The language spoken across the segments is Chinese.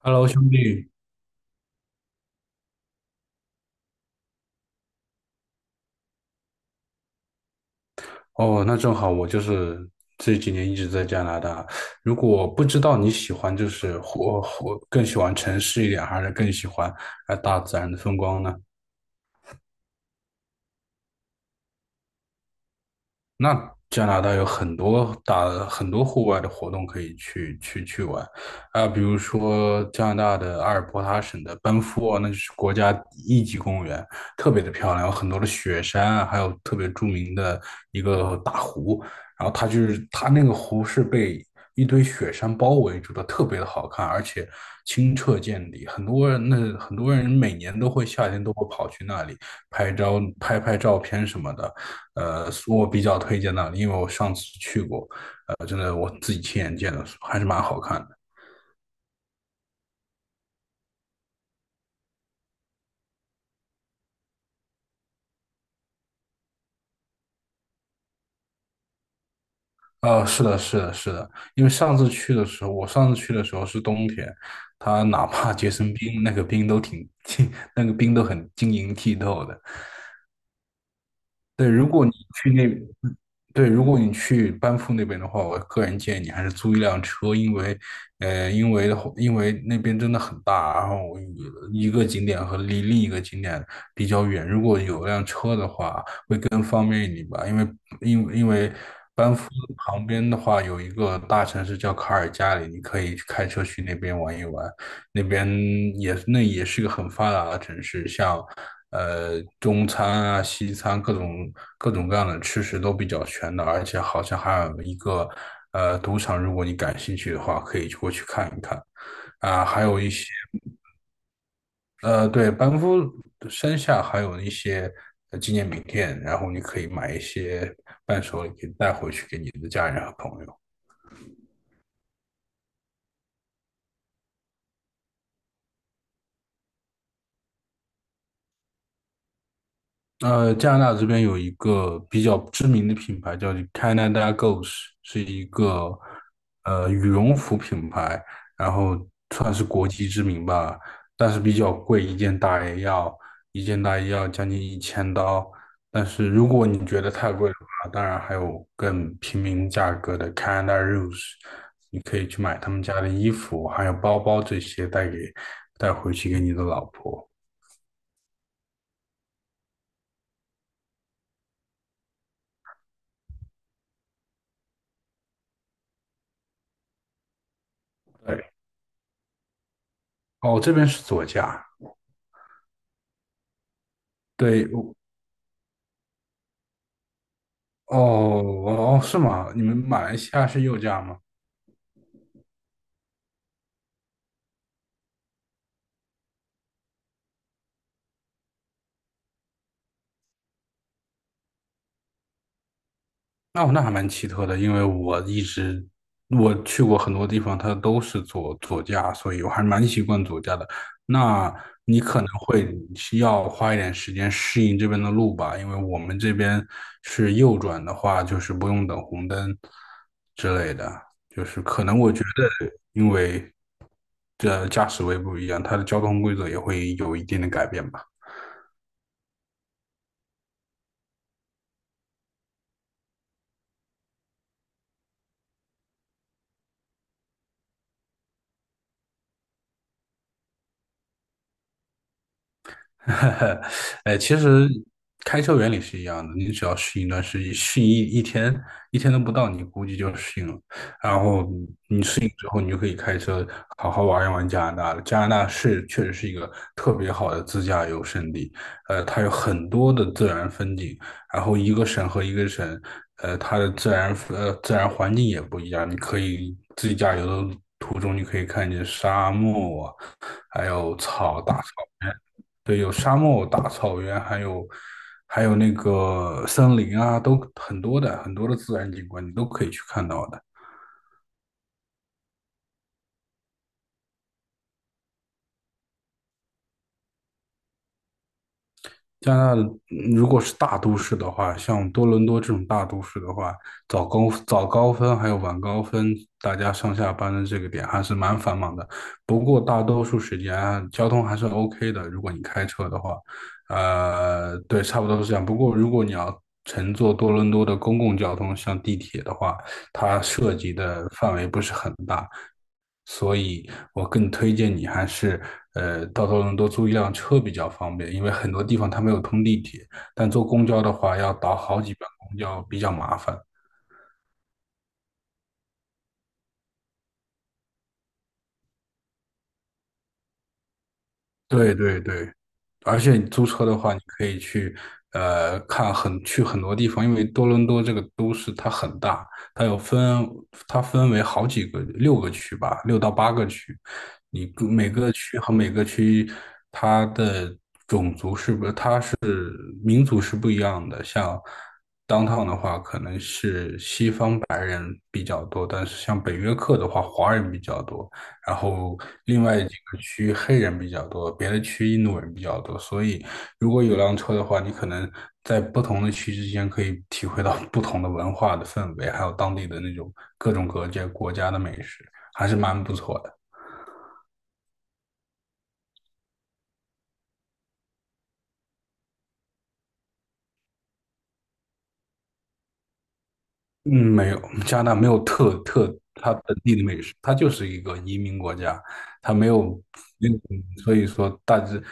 Hello，兄弟。哦，那正好，我就是这几年一直在加拿大。如果不知道你喜欢就是活更喜欢城市一点，还是更喜欢大自然的风光呢？那加拿大有很多户外的活动可以去玩啊，比如说加拿大的阿尔伯塔省的班夫啊，那就是国家一级公园，特别的漂亮，有很多的雪山啊，还有特别著名的一个大湖。然后它那个湖是被一堆雪山包围住的，特别的好看，而且清澈见底。很多人每年夏天都会跑去那里拍照片什么的。是我比较推荐那里，因为我上次去过。真的我自己亲眼见的，还是蛮好看的。是的，是的，是的。因为上次去的时候，我上次去的时候是冬天，它哪怕结成冰，那个冰都挺 那个冰都很晶莹剔透的。对。如果你去那，对，如果你去班夫那边的话，我个人建议你还是租一辆车。因为那边真的很大，然后一个景点离另一个景点比较远，如果有辆车的话，会更方便一点吧。因为班夫旁边的话有一个大城市叫卡尔加里，你可以开车去那边玩一玩。那边那也是一个很发达的城市，像中餐啊、西餐各种各样的吃食都比较全的，而且好像还有一个赌场，如果你感兴趣的话，可以过去看一看啊、还有一些班夫山下还有一些纪念品店，然后你可以买一些伴手礼带回去给你的家人和朋友。加拿大这边有一个比较知名的品牌叫 Canada Goose，是一个羽绒服品牌，然后算是国际知名吧，但是比较贵，一件大衣要将近1000刀。但是如果你觉得太贵的话，当然还有更平民价格的 Canada Rose，你可以去买他们家的衣服，还有包包这些带回去给你的老婆。对，哦，这边是左家。对，哦哦，是吗？你们马来西亚是右驾吗？哦，那还蛮奇特的，因为我一直我去过很多地方，它都是左驾，所以我还蛮习惯左驾的。那你可能会需要花一点时间适应这边的路吧，因为我们这边是右转的话，就是不用等红灯之类的，就是可能我觉得，因为这驾驶位不一样，它的交通规则也会有一定的改变吧。哎，其实开车原理是一样的，你只要适应一段时间，适应一天，一天都不到，你估计就适应了。然后之后你就可以开车好好玩一玩加拿大了。加拿大是确实是一个特别好的自驾游胜地。它有很多的自然风景，然后一个省和一个省，它的自然环境也不一样。你可以自驾游的途中，你可以看见沙漠啊，还有大草原。对，有沙漠、大草原，还有那个森林啊，都很多的自然景观，你都可以去看到的。加拿大如果是大都市的话，像多伦多这种大都市的话，早高峰还有晚高峰，大家上下班的这个点还是蛮繁忙的。不过大多数时间啊交通还是 OK 的，如果你开车的话，对，差不多是这样。不过如果你要乘坐多伦多的公共交通，像地铁的话，它涉及的范围不是很大，所以我更推荐你还是到多伦多租一辆车比较方便，因为很多地方它没有通地铁，但坐公交的话要倒好几班公交，比较麻烦。对对对，而且你租车的话，你可以去呃看很去很多地方，因为多伦多这个都市它很大。它有分它分为好几个六个区吧，六到八个区。每个区和每个区它的民族是不一样的，像 downtown 的话，可能是西方比较多，但是像北约克的话，华人比较多，然后另外几个区黑人比较多，别的区印度人比较多，所以如果有辆车的话，你可能在不同的区之间可以体会到不同的文化的氛围，还有当地的那种各种各界国家的美食，还是蛮不错的。嗯，没有，加拿大没有它本地的美食，它就是一个移民国家。它没有没有所以说大致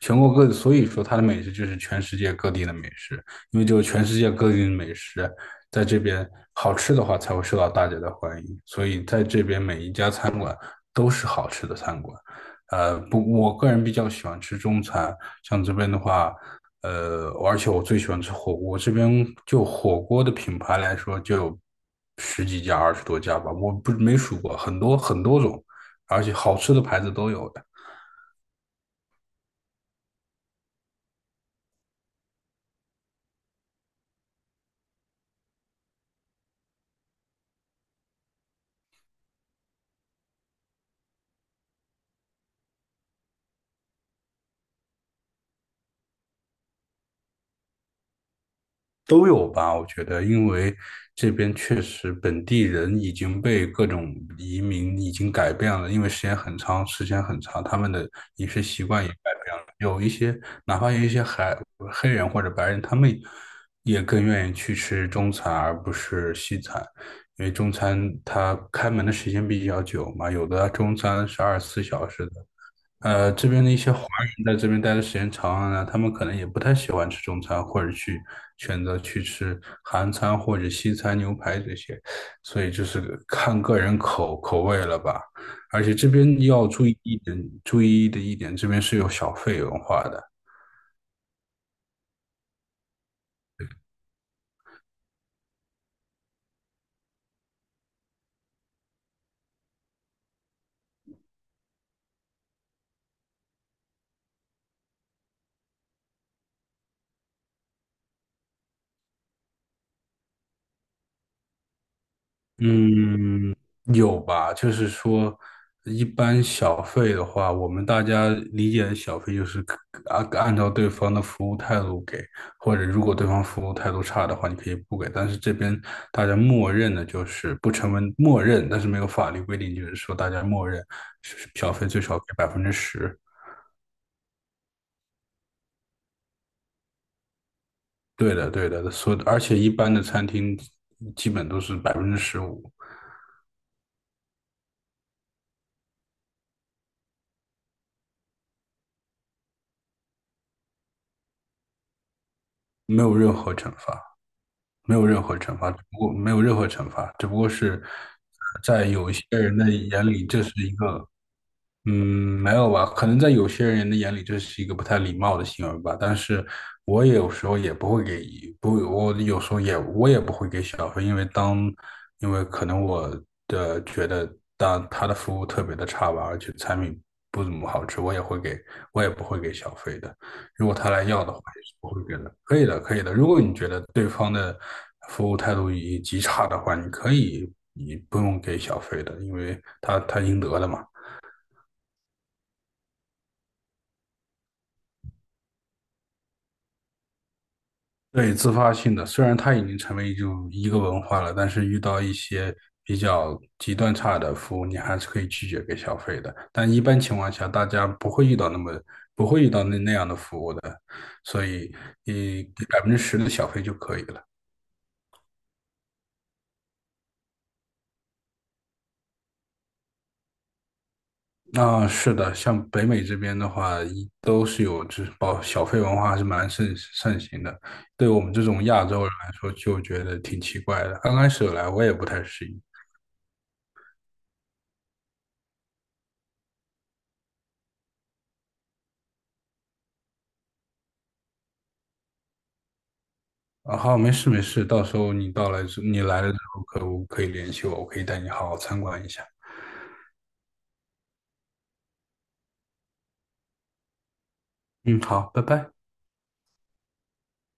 全国各，地，所以说它的美食就是全世界各地的美食，因为只有全世界各地的美食在这边好吃的话，才会受到大家的欢迎，所以在这边每一家餐馆都是好吃的餐馆。不，我个人比较喜欢吃中餐，像这边的话，而且我最喜欢吃火锅，这边就火锅的品牌来说，就有十几家、20多家吧，我不没数过，很多很多种，而且好吃的牌子都有的。都有吧，我觉得，因为这边确实本地人已经被各种移民已经改变了，因为时间很长，时间很长，他们的饮食习惯也改变了。有一些，哪怕有一些黑人或者白人，他们也更愿意去吃中餐而不是西餐，因为中餐它开门的时间比较久嘛，有的中餐是24小时的。这边的一些华人在这边待的时间长了呢，他们可能也不太喜欢吃中餐，或者去选择去吃韩餐或者西餐、牛排这些，所以就是看个人口味了吧。而且这边要注意一点，注意的一点，这边是有小费文化的。嗯，有吧？就是说，一般小费的话，我们大家理解的小费就是按照对方的服务态度给，或者如果对方服务态度差的话，你可以不给。但是这边大家默认的就是不成文默认，但是没有法律规定，就是说大家默认是小费最少给百分之十。对的，对的，所以而且一般的餐厅基本都是15%。没有任何惩罚。没有任何惩罚，只不过没有任何惩罚，只不过是在有一些人的眼里，这是一个嗯，没有吧？可能在有些人的眼里，这是一个不太礼貌的行为吧。但是我也有时候也不会给，不，我有时候也我也不会给小费，因为当，因为可能我觉得当他的服务特别的差吧，而且产品不怎么好吃，我也会给，我也不会给小费的。如果他来要的话，也是不会给的。可以的，可以的。如果你觉得对方的服务态度已极差的话，你可以，你不用给小费的，因为他应得的嘛。对，自发性的，虽然它已经成为就一个文化了，但是遇到一些比较极端差的服务，你还是可以拒绝给小费的。但一般情况下，大家不会遇到那么不会遇到那那样的服务的，所以你给百分之十的小费就可以了。那是的，像北美这边的话，一都是有就是保小费文化还是蛮盛行的。对我们这种亚洲人来说，就觉得挺奇怪的。刚开始来我也不太适应。啊，好，没事没事，到时候你来了之后我可以联系我，我可以带你好好参观一下。嗯，好，拜拜。